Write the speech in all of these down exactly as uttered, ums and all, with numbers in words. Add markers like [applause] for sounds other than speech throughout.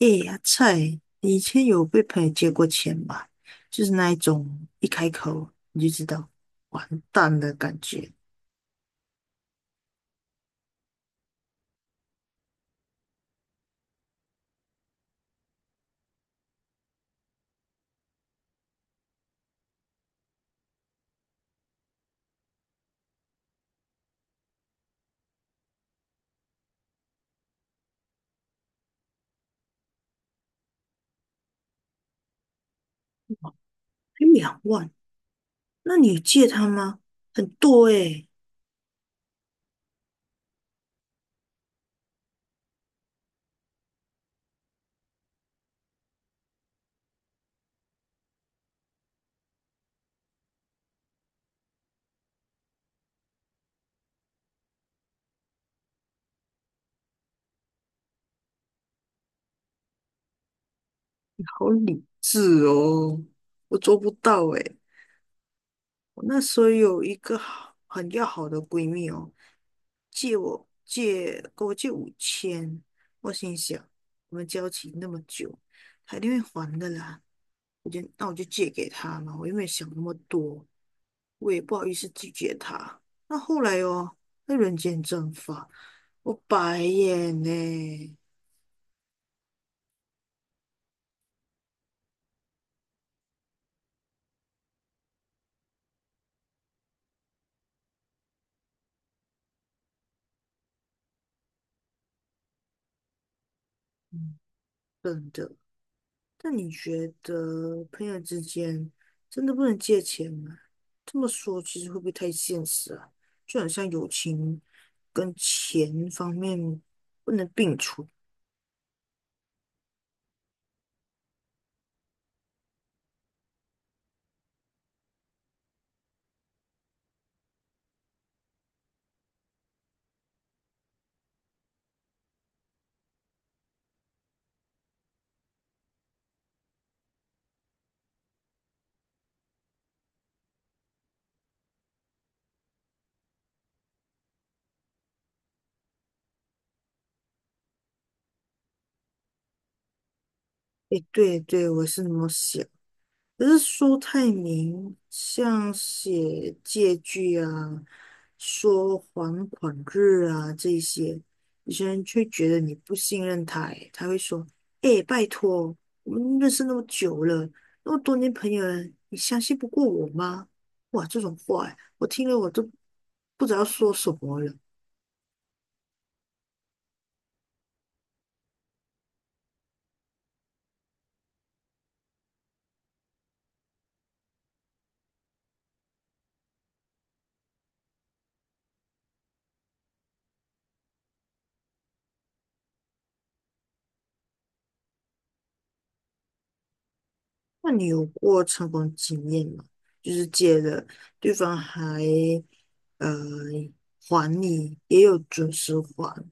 诶，呀，菜，你以前有被朋友借过钱吧？就是那一种一开口你就知道完蛋的感觉。才两万，那你有借他吗？很多诶，好理智哦，我做不到诶。我那时候有一个好很要好的闺蜜哦，借我借给我借五千，我心想我们交情那么久，她一定会还的啦。我就那我就借给她嘛，我又没有想那么多，我也不好意思拒绝她。那后来哦，那人间蒸发，我白眼呢，嗯，真的。那你觉得朋友之间真的不能借钱吗？这么说其实会不会太现实啊？就很像友情跟钱方面不能并存。诶，对对，我是那么想。可是苏太明像写借据啊、说还款日啊这些，有些人却觉得你不信任他欸，他会说：“哎、拜托，我们认识那么久了，那么多年朋友了，你相信不过我吗？”哇，这种话欸，我听了我都不知道说什么了。那你有过成功经验吗？就是借了，对方还呃还你，也有准时还。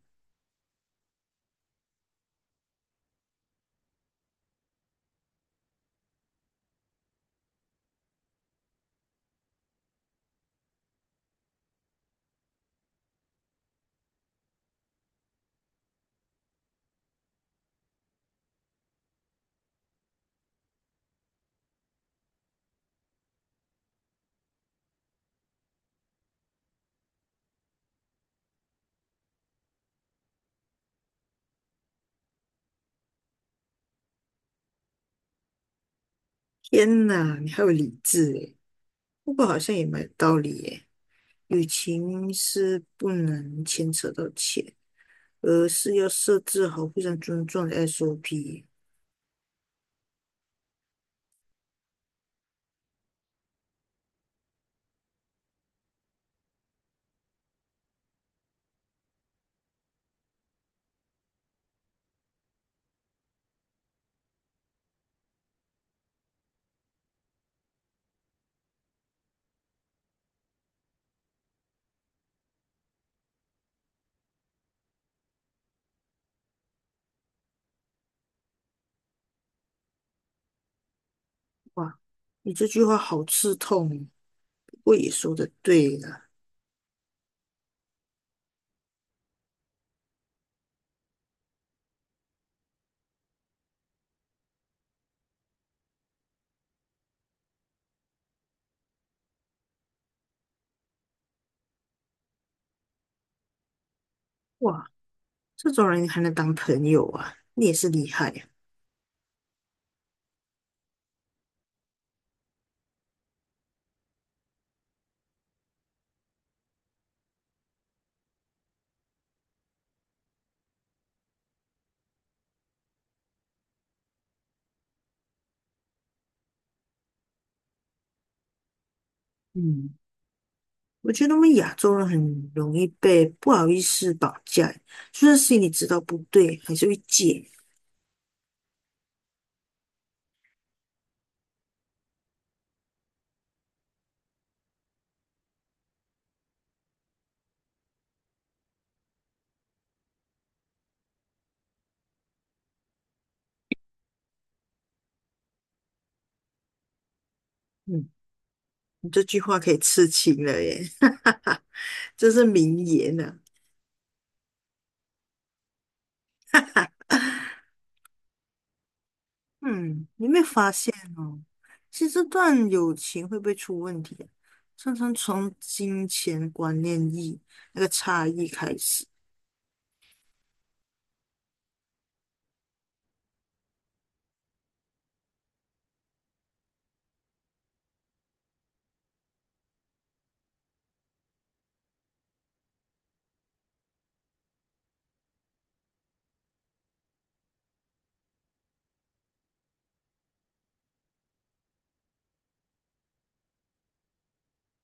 天呐，你还有理智诶，不过好像也蛮有道理耶。友情是不能牵扯到钱，而是要设置好互相尊重的 S O P。 哇，你这句话好刺痛哦，不过也说的对了。哇，这种人还能当朋友啊，你也是厉害呀。嗯，我觉得我们亚洲人很容易被不好意思绑架，就算心里知道不对，还是会借。嗯。你这句话可以刺青了耶，[laughs] 这是名言呢、啊 [laughs] 嗯，你有没有发现哦？其实这段友情会不会出问题啊？常常从金钱观念意那个差异开始。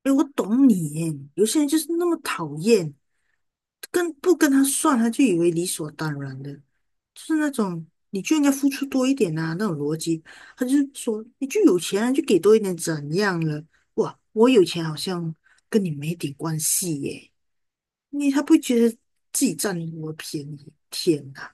诶，我懂你耶，有些人就是那么讨厌，跟不跟他算，他就以为理所当然的，就是那种你就应该付出多一点啊那种逻辑。他就说你就有钱啊，就给多一点怎样了？哇，我有钱好像跟你没点关系耶。因为他不会觉得自己占我便宜？天呐，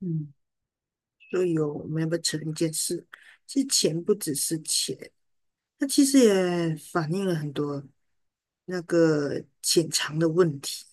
嗯，所以哦，我们要不要承认一件事？是钱不只是钱，它其实也反映了很多那个潜藏的问题。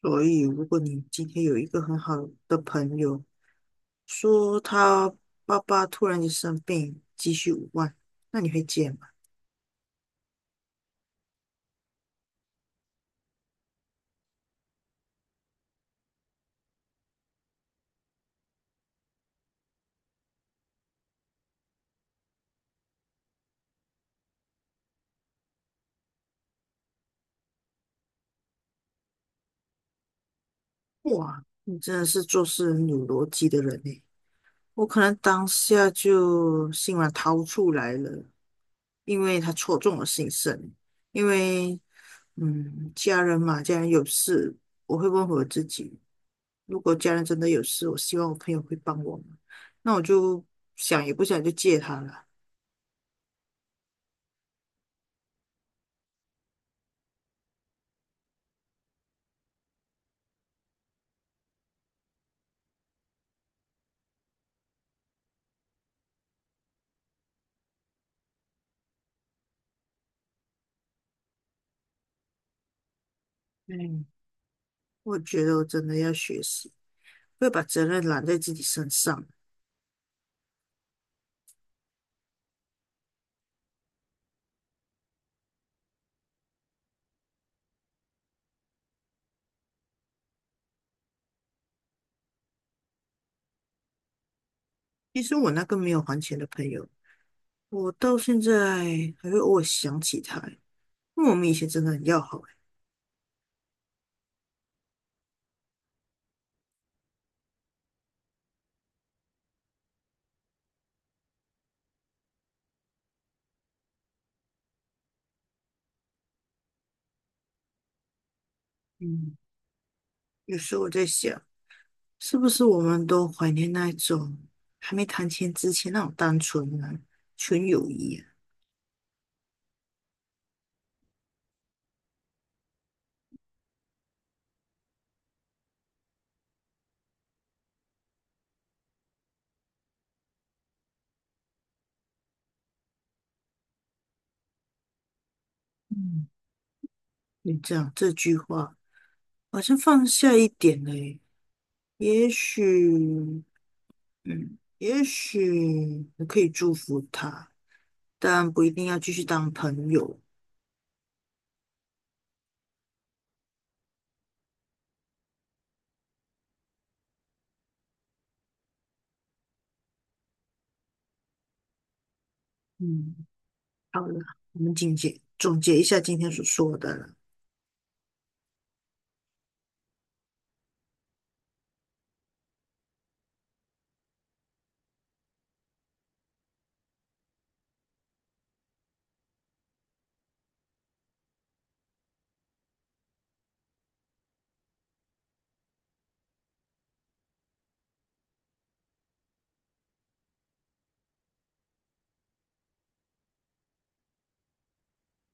所以，如果你今天有一个很好的朋友，说他爸爸突然间生病，急需五万，那你会借吗？哇，你真的是做事很有逻辑的人呢。我可能当下就心软掏出来了，因为他戳中我心声。因为，嗯，家人嘛，家人有事，我会问我自己，如果家人真的有事，我希望我朋友会帮我吗？那我就想也不想就借他了。嗯。我觉得我真的要学习，不要把责任揽在自己身上。其实我那个没有还钱的朋友，我到现在还会偶尔想起他欸，因为我们以前真的很要好。嗯，有时候我在想，是不是我们都怀念那一种还没谈钱之前那种单纯啊、纯友谊啊？嗯，你这样这句话好像放下一点了耶也许，嗯，也许我可以祝福他。但不一定要继续当朋友。嗯，好了，我们总结总结一下今天所说的了。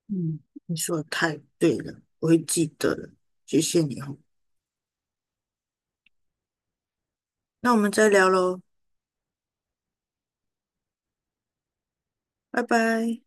嗯，你说的太对了，我会记得的，谢谢你哦。那我们再聊喽，拜拜。